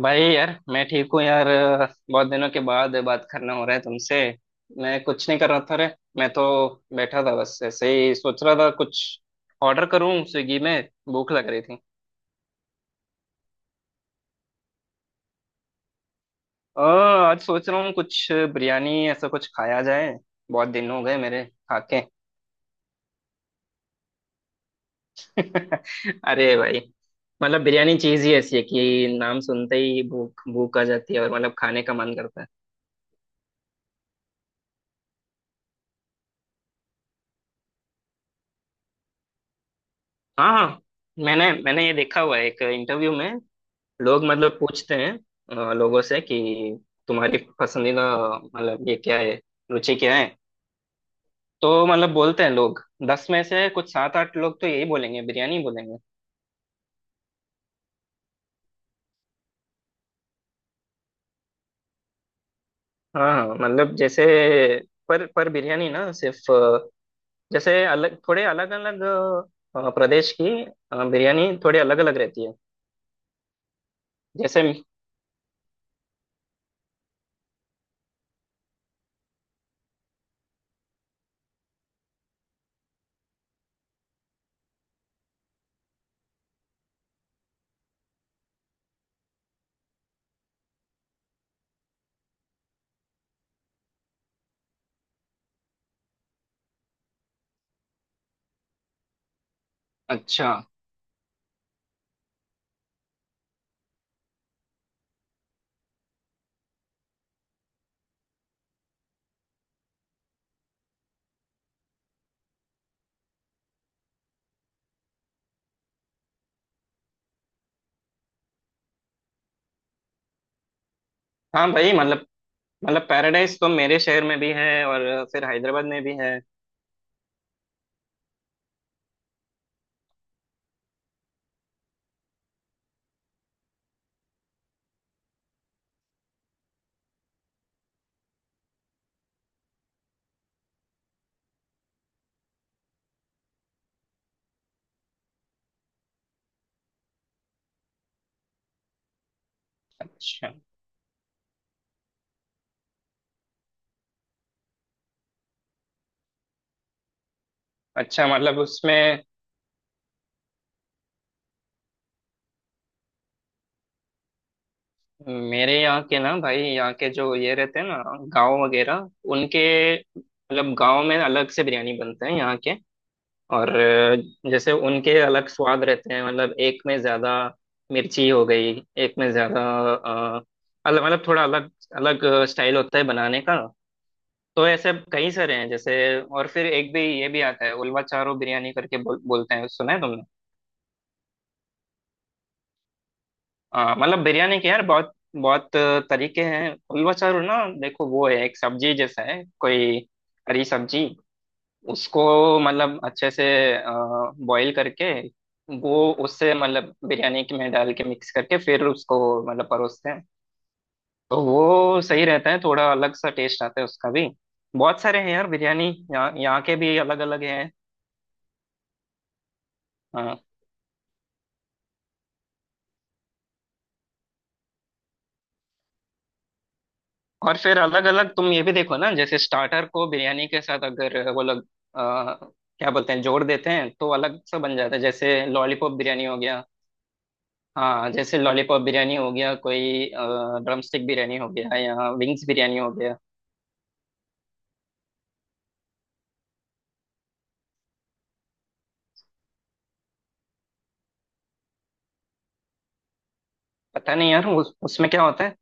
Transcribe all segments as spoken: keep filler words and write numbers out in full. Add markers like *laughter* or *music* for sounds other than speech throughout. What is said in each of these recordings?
भाई यार मैं ठीक हूँ यार। बहुत दिनों के बाद बात करना हो रहा है तुमसे। मैं कुछ नहीं कर रहा था रे। मैं तो बैठा था बस ऐसे ही सोच रहा था कुछ ऑर्डर करूँ स्विगी में, भूख लग रही थी। आ, आज सोच रहा हूँ कुछ बिरयानी ऐसा कुछ खाया जाए, बहुत दिन हो गए मेरे खाके। *laughs* अरे भाई, मतलब बिरयानी चीज ही ऐसी है कि नाम सुनते ही भूख भूख आ जाती है और मतलब खाने का मन करता है। हाँ हाँ, मैंने मैंने ये देखा हुआ है एक इंटरव्यू में। लोग मतलब पूछते हैं अ, लोगों से कि तुम्हारी पसंदीदा मतलब ये क्या है, रुचि क्या है। तो मतलब बोलते हैं लोग, दस में से कुछ सात आठ लोग तो यही बोलेंगे, बिरयानी बोलेंगे। हाँ हाँ, मतलब जैसे पर पर बिरयानी ना, सिर्फ अ, जैसे अलग, थोड़े अलग अलग प्रदेश की अ, बिरयानी थोड़ी अलग अलग रहती है जैसे। अच्छा। हाँ भाई, मतलब मतलब पैराडाइज तो मेरे शहर में भी है और फिर हैदराबाद में भी है। अच्छा। अच्छा मतलब उसमें मेरे यहाँ के ना, भाई यहाँ के जो ये रहते हैं ना गांव वगैरह उनके, मतलब गांव में अलग से बिरयानी बनते हैं यहाँ के। और अ, जैसे उनके अलग स्वाद रहते हैं, मतलब एक में ज्यादा मिर्ची हो गई, एक में ज्यादा अ, अलग, मतलब थोड़ा अलग अलग स्टाइल होता है बनाने का। तो ऐसे कई सारे हैं जैसे, और फिर एक भी ये भी आता है, उलवा चारो बिरयानी करके बोल, बोलते हैं, सुना है तुमने। आ, मतलब बिरयानी के यार बहुत बहुत तरीके हैं। उल्वा चारू ना, देखो वो है एक सब्जी जैसा है कोई, हरी सब्जी। उसको मतलब अच्छे से बॉईल करके वो, उससे मतलब बिरयानी के में डाल के मिक्स करके फिर उसको मतलब परोसते हैं। तो वो सही रहता है, थोड़ा अलग सा टेस्ट आता है उसका भी। बहुत सारे हैं यार बिरयानी, यहाँ यहाँ के भी अलग अलग हैं। हाँ। और फिर अलग अलग, तुम ये भी देखो ना, जैसे स्टार्टर को बिरयानी के साथ अगर वो लोग आ, क्या बोलते हैं, जोड़ देते हैं तो अलग सा बन जाता है, जैसे लॉलीपॉप बिरयानी हो गया। हाँ, जैसे लॉलीपॉप बिरयानी हो गया कोई, ड्रमस्टिक बिरयानी हो गया या विंग्स बिरयानी हो गया। पता नहीं यार, उस, उसमें क्या होता है।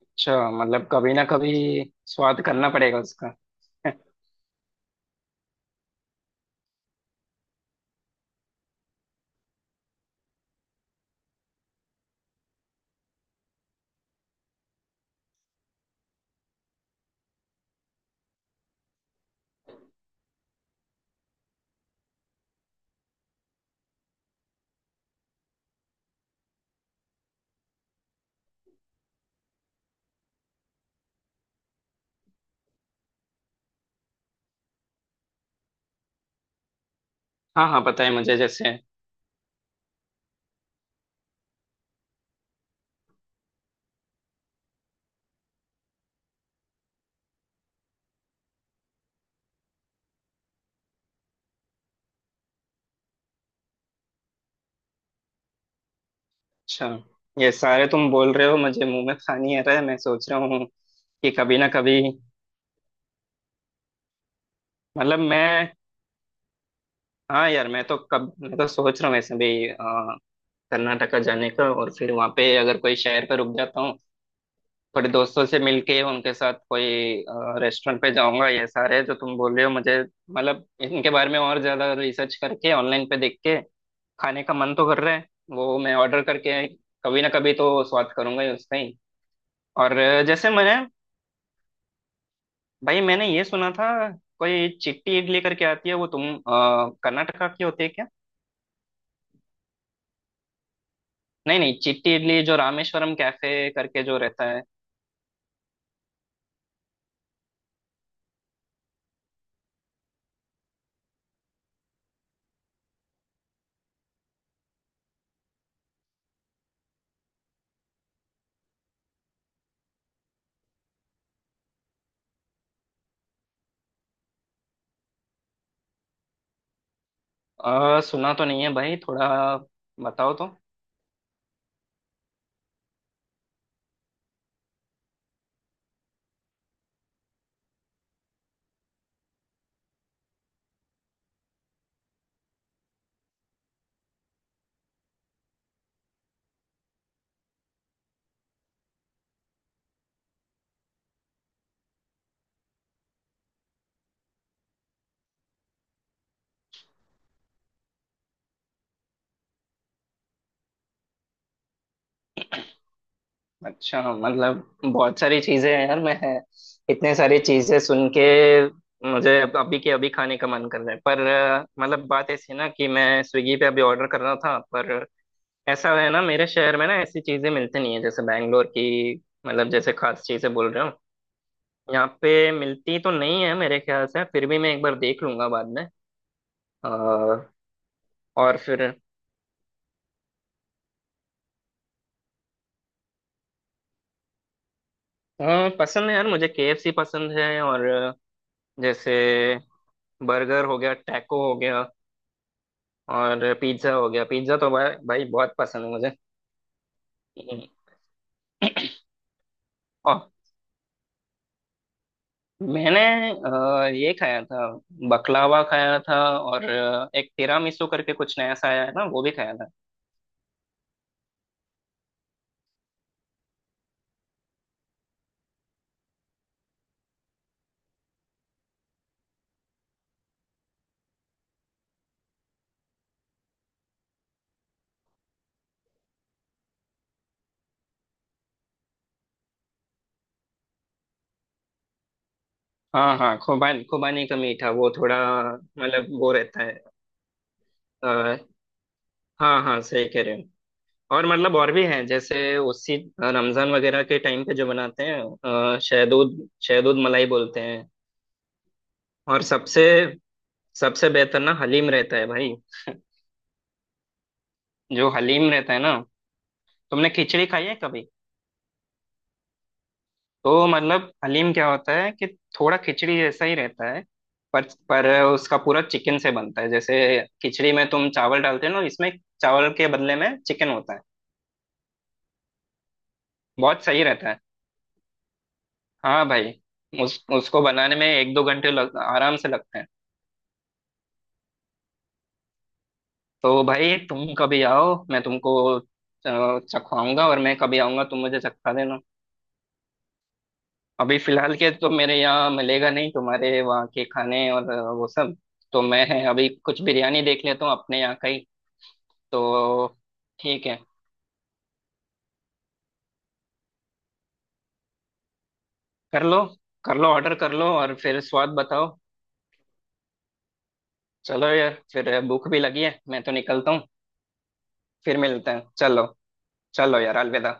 अच्छा मतलब कभी ना कभी स्वाद करना पड़ेगा उसका। *laughs* हाँ हाँ, पता है मुझे, जैसे। अच्छा, ये सारे तुम बोल रहे हो मुझे मुंह में पानी आ रहा है, मैं सोच रहा हूँ कि कभी ना कभी, मतलब मैं, हाँ यार मैं तो, कब मैं तो सोच रहा हूँ वैसे भी अ, कर्नाटका जाने का, और फिर वहाँ पे अगर कोई शहर पे रुक जाता हूँ, थोड़े दोस्तों से मिलके उनके साथ कोई रेस्टोरेंट पे जाऊंगा, ये सारे जो तुम बोल रहे हो मुझे, मतलब इनके बारे में और ज्यादा रिसर्च करके ऑनलाइन पे देख के, खाने का मन तो कर रहा है, वो मैं ऑर्डर करके कभी ना कभी तो स्वाद करूंगा ही उसका ही। और अ, जैसे मैंने, भाई मैंने ये सुना था, कोई चिट्टी इडली करके आती है, वो तुम अ, कर्नाटका की होती है क्या। नहीं नहीं, चिट्टी इडली जो रामेश्वरम कैफे करके जो रहता है। आ, सुना तो नहीं है भाई, थोड़ा बताओ तो। अच्छा मतलब बहुत सारी चीजें हैं यार, मैं इतने सारी चीजें सुन के मुझे अब- अभी के अभी खाने का मन कर रहा है, पर अ, मतलब बात ऐसी है ना कि मैं स्विगी पे अभी ऑर्डर कर रहा था, पर ऐसा है ना, मेरे शहर में ना ऐसी चीजें मिलती नहीं है, जैसे बैंगलोर की मतलब जैसे खास चीजें बोल रहे हो, यहाँ पे मिलती तो नहीं है मेरे ख्याल से, फिर भी मैं एक बार देख लूंगा बाद में। अ, और फिर, हाँ पसंद है यार, मुझे केएफसी पसंद है, और जैसे बर्गर हो गया, टैको हो गया, और पिज्ज़ा हो गया, पिज्ज़ा तो भाई भाई बहुत पसंद है मुझे। हम्म। और मैंने अ, ये खाया था, बकलावा खाया था, और अ, एक तिरामिसू करके कुछ नया सा आया है ना, वो भी खाया था। हाँ हाँ, खुबानी, खुबानी का मीठा, वो थोड़ा मतलब वो रहता है। अ, हाँ हाँ सही कह रहे हो। और मतलब और भी हैं, जैसे उसी रमजान वगैरह के टाइम पे जो बनाते हैं, अ, शहदूद, शहदूद मलाई बोलते हैं। और सबसे, सबसे बेहतर ना हलीम रहता है भाई। जो हलीम रहता है ना, तुमने खिचड़ी खाई है कभी। तो मतलब हलीम क्या होता है कि थोड़ा खिचड़ी जैसा ही रहता है, पर पर उसका पूरा चिकन से बनता है, जैसे खिचड़ी में तुम चावल डालते हो ना, इसमें चावल के बदले में चिकन होता है। बहुत सही रहता है, हाँ भाई। उस उसको बनाने में एक दो घंटे लग, आराम से लगते हैं। तो भाई तुम कभी आओ, मैं तुमको अ, चखवाऊंगा, और मैं कभी आऊंगा तुम मुझे चखा देना। अभी फिलहाल के तो मेरे यहाँ मिलेगा नहीं तुम्हारे वहाँ के खाने और अ, वो सब, तो मैं अभी कुछ बिरयानी देख लेता हूँ अपने यहाँ का ही तो। ठीक है, कर लो कर लो, ऑर्डर कर लो और फिर स्वाद बताओ। चलो यार, फिर भूख भी लगी है, मैं तो निकलता हूँ। फिर मिलते हैं, चलो चलो यार, अलविदा।